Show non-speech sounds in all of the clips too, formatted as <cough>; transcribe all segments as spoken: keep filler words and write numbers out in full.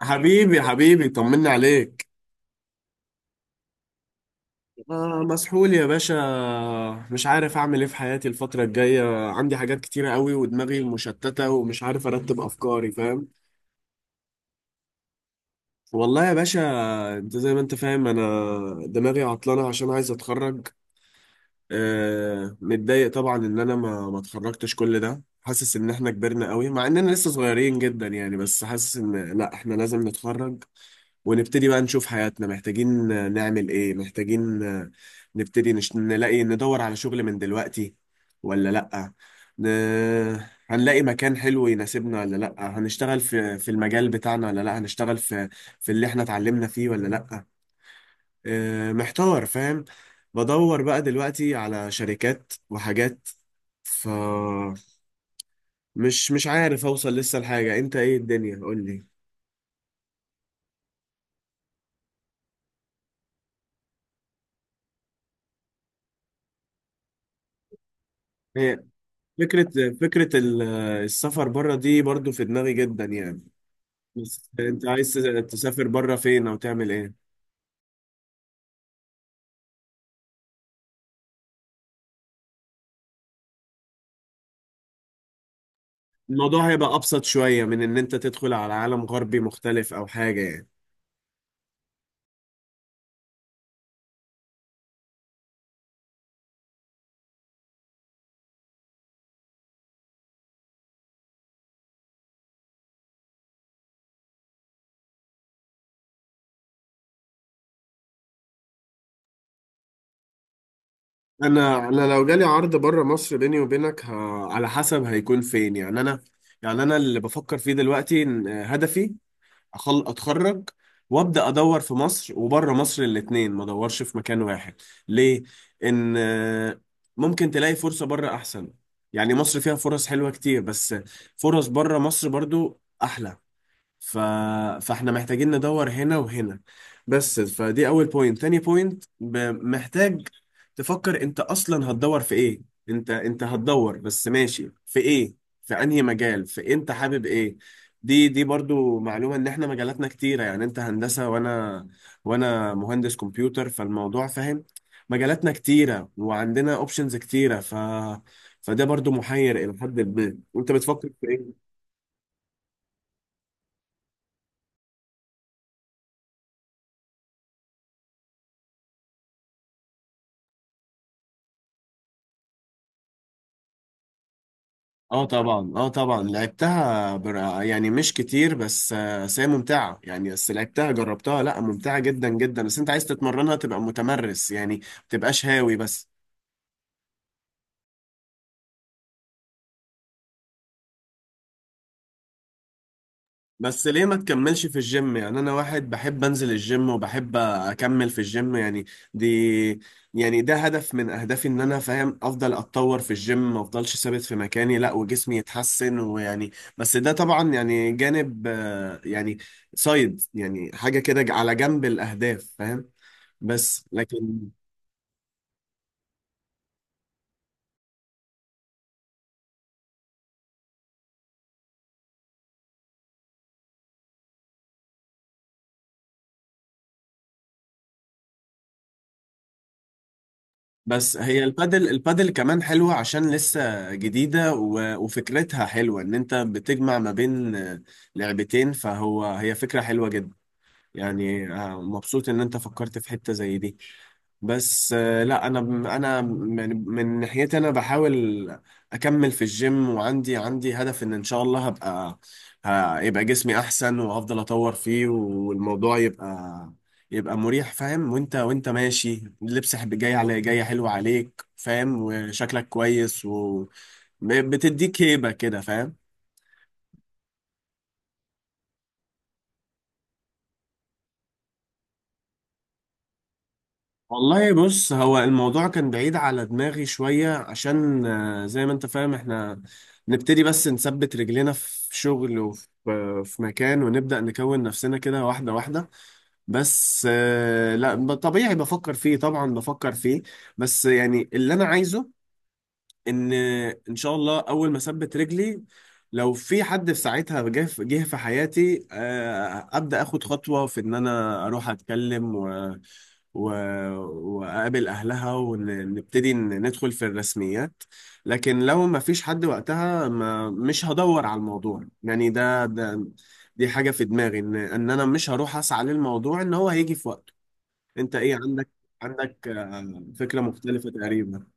حبيبي حبيبي، طمنا عليك. آه، مسحول يا باشا. مش عارف أعمل إيه في حياتي الفترة الجاية، عندي حاجات كتيرة قوي، ودماغي مشتتة، ومش عارف أرتب أفكاري، فاهم؟ والله يا باشا، أنت زي ما أنت فاهم، أنا دماغي عطلانة عشان عايز أتخرج. آه، متضايق طبعا إن أنا ما ما اتخرجتش كل ده، حاسس إن إحنا كبرنا قوي مع إننا لسه صغيرين جدا يعني، بس حاسس إن لأ، إحنا لازم نتخرج ونبتدي بقى نشوف حياتنا. محتاجين نعمل ايه، محتاجين نبتدي نش... نلاقي، ندور على شغل من دلوقتي ولا لأ؟ ن... هنلاقي مكان حلو يناسبنا ولا لأ؟ هنشتغل في في المجال بتاعنا ولا لأ؟ هنشتغل في في اللي احنا اتعلمنا فيه ولا لأ؟ آه، محتار فاهم. بدور بقى دلوقتي على شركات وحاجات، فمش مش مش عارف اوصل لسه لحاجة. انت ايه الدنيا؟ قول لي، فكرة فكرة ال- السفر بره دي برضو في دماغي جدا يعني. بس انت عايز تسافر بره فين؟ او تعمل ايه؟ الموضوع هيبقى ابسط شوية من ان انت تدخل على عالم غربي مختلف او حاجة يعني. انا انا لو جالي عرض بره مصر، بيني وبينك، ه... على حسب هيكون فين يعني. انا، يعني انا اللي بفكر فيه دلوقتي إن هدفي أخل... اتخرج، وابدا ادور في مصر وبره مصر الاتنين، ما ادورش في مكان واحد. ليه؟ ان آه، ممكن تلاقي فرصة بره احسن. يعني مصر فيها فرص حلوة كتير، بس فرص بره مصر برضو احلى. ف... فاحنا محتاجين ندور هنا وهنا. بس فدي اول بوينت، تاني بوينت ب... محتاج تفكر انت اصلا هتدور في ايه. انت انت هتدور بس ماشي في ايه؟ في انهي مجال؟ في انت حابب ايه؟ دي دي برضو معلومة، ان احنا مجالاتنا كتيرة يعني. انت هندسة، وانا وانا مهندس كمبيوتر، فالموضوع فاهم. مجالاتنا كتيرة وعندنا اوبشنز كتيرة، ف فده برضو محير الى حد ما. وانت بتفكر في ايه؟ اه طبعا، اه طبعا، لعبتها برا يعني مش كتير، بس آه، بس هي ممتعة يعني، بس لعبتها، جربتها، لا ممتعة جدا جدا. بس انت عايز تتمرنها، تبقى متمرس يعني، ما تبقاش هاوي بس. بس ليه ما تكملش في الجيم؟ يعني انا واحد بحب انزل الجيم، وبحب اكمل في الجيم يعني. دي يعني ده هدف من اهدافي، ان انا فاهم افضل اتطور في الجيم، ما افضلش ثابت في مكاني، لا، وجسمي يتحسن ويعني. بس ده طبعا يعني جانب، آه، يعني سايد، يعني حاجة كده على جنب الاهداف فاهم. بس لكن بس هي البادل، البادل كمان حلوة عشان لسه جديدة، و- وفكرتها حلوة ان انت بتجمع ما بين لعبتين. فهو هي فكرة حلوة جدا يعني. آه، مبسوط ان انت فكرت في حتة زي دي. بس آه، لا، انا انا يعني، من ناحيتي انا بحاول اكمل في الجيم. وعندي عندي هدف ان ان شاء الله هبقى، هيبقى جسمي احسن، وافضل اطور فيه، والموضوع يبقى يبقى مريح فاهم. وانت وانت ماشي، اللبس حب- جاي على جاي حلو عليك فاهم، وشكلك كويس، و بتديك هيبة كده فاهم. والله بص، هو الموضوع كان بعيد على دماغي شوية عشان، آه، زي ما انت فاهم، احنا نبتدي بس نثبت رجلينا في شغل، وفي آه، في مكان، ونبدأ نكون نفسنا كده واحدة واحدة. بس آه، لا ب- طبيعي بفكر فيه، طبعا بفكر فيه. بس يعني اللي انا عايزه، ان ان شاء الله اول ما اثبت رجلي، لو في حد في ساعتها جه في جه في حياتي، آه، ابدا اخد خطوه في ان انا اروح اتكلم و و... واقابل اهلها، ونبتدي ندخل في الرسميات. لكن لو ما فيش حد وقتها، ما مش هدور على الموضوع يعني. ده ده دي حاجه في دماغي، ان ان انا مش هروح اسعى للموضوع، ان هو هيجي في وقته. انت ايه عندك؟ عندك آه، فكره مختلفه تقريبا.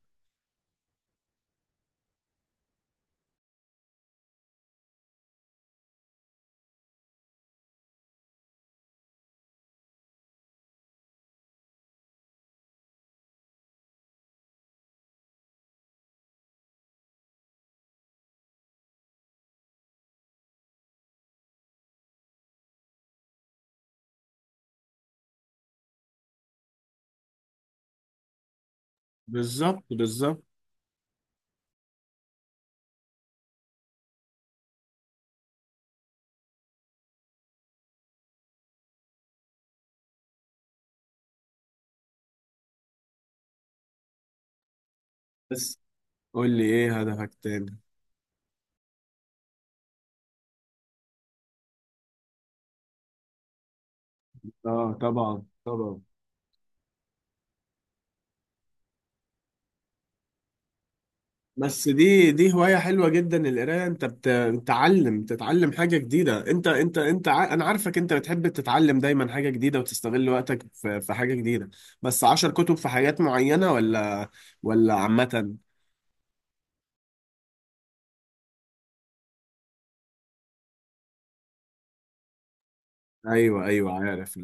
بالظبط، بالظبط. بس قول لي ايه هدفك تاني؟ اه طبعا، طبعا. بس دي دي هواية حلوة جدا، القراية. انت بت- بتتعلم تتعلم حاجة جديدة. انت انت انت ع... انا عارفك، انت بتحب تتعلم دايما حاجة جديدة، وتستغل وقتك في, في حاجة جديدة. بس عشر كتب في حاجات معينة، ولا ولا عامة؟ ايوه، ايوه، عارف.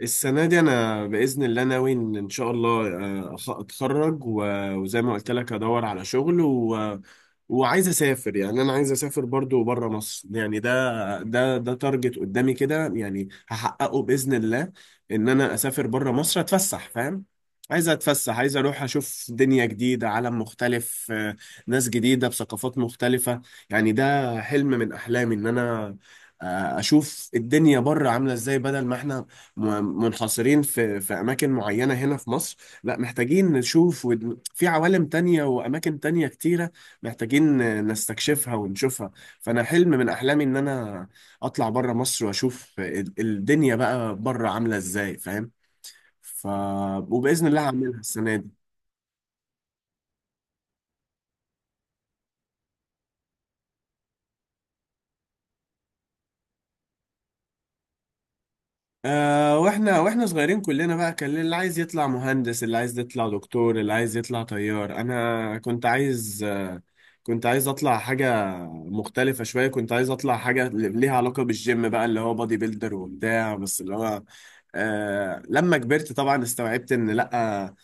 السنة دي أنا بإذن الله ناوي إن إن شاء الله، آه، أخ- أتخرج، و- وزي ما قلت لك أدور على شغل و... وعايز أسافر يعني. أنا عايز أسافر برضو بره مصر يعني، ده ده ده تارجت قدامي كده، يعني هحققه بإذن الله، إن أنا أسافر بره مصر أتفسح فاهم. عايز أتفسح، عايز أروح أشوف دنيا جديدة، عالم مختلف، آه، ناس جديدة بثقافات مختلفة. يعني ده حلم من أحلامي إن أنا آه، أشوف الدنيا بره عاملة إزاي، بدل ما إحنا م- منحصرين في في اماكن معينه هنا في مصر. لا، محتاجين نشوف ون- في عوالم تانية واماكن تانية كتيره، محتاجين نستكشفها ونشوفها. فانا حلم من احلامي ان انا اطلع بره مصر، واشوف ال- الدنيا بقى بره عامله ازاي فاهم. ف وباذن الله هعملها السنه دي. آه، واحنا واحنا صغيرين كلنا بقى، كان اللي عايز يطلع مهندس، اللي عايز يطلع دكتور، اللي عايز يطلع طيار. انا كنت عايز آه كنت عايز اطلع حاجة مختلفة شوية، كنت عايز اطلع حاجة ليها علاقة بالجيم بقى، اللي هو بادي بيلدر وبتاع. بس اللي هو آه لما كبرت طبعا استوعبت ان لا،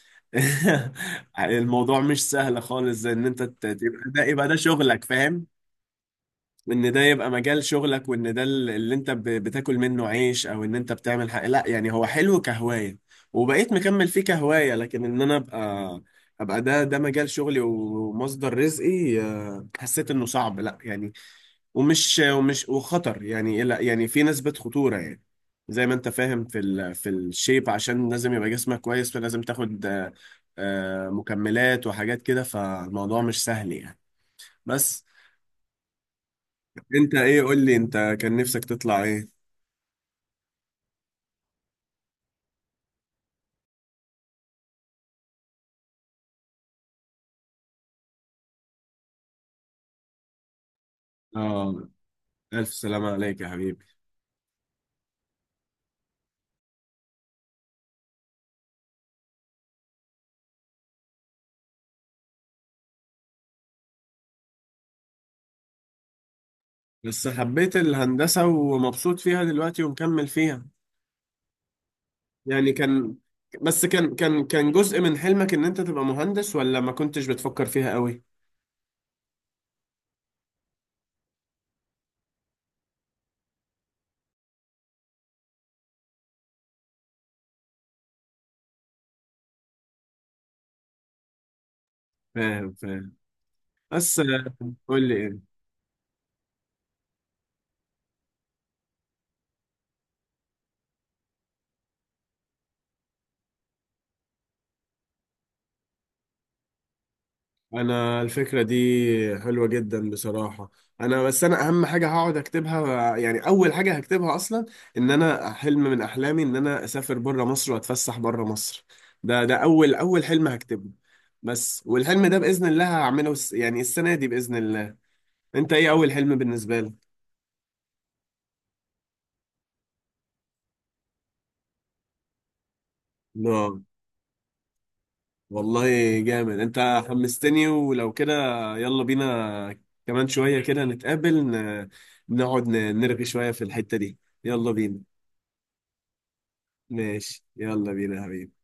<laughs> الموضوع مش سهل خالص، زي ان انت ت- تبقى ده، يبقى ده شغلك فاهم. وان ده يبقى مجال شغلك، وان ده ال- اللي انت ب- بتاكل منه عيش، او ان انت بتعمل حاجه. لا يعني، هو حلو كهوايه، وبقيت مكمل فيه كهوايه. لكن ان انا ابقى، ابقى ده ده مجال شغلي ومصدر رزقي، آه، حسيت انه صعب لا يعني، ومش ومش وخطر يعني إيه، لا يعني في نسبه خطوره يعني. زي ما انت فاهم في ال في الشيب، عشان لازم يبقى جسمك كويس، فلازم تاخد آه، آه، مكملات وحاجات كده، فالموضوع مش سهل يعني. بس... انت ايه قول لي انت، كان نفسك تطلع ايه؟ اه، الف سلامة عليك يا حبيبي. بس حبيت الهندسة، ومبسوط فيها دلوقتي، ومكمل فيها. يعني كان، بس كان كان كان جزء من حلمك ان انت تبقى مهندس، ولا ما كنتش بتفكر فيها قوي؟ فاهم، فاهم. بس آه، قول لي إيه؟ انا الفكره دي حلوه جدا بصراحه. انا بس انا اهم حاجه هقعد اكتبها، يعني اول حاجه هكتبها اصلا، ان انا حلم من احلامي ان انا اسافر بره مصر، واتفسح بره مصر. ده ده اول اول حلم هكتبه. بس والحلم ده باذن الله هعمله الس- يعني السنه دي باذن الله. انت ايه اول حلم بالنسبه لك؟ نعم. والله، جامد، انت حمستني. ولو كده، يلا بينا، كمان شويه كده نتقابل، ن- نقعد، ن- نرغي شويه في الحته دي. يلا بينا. ماشي، يلا بينا يا حبيبي.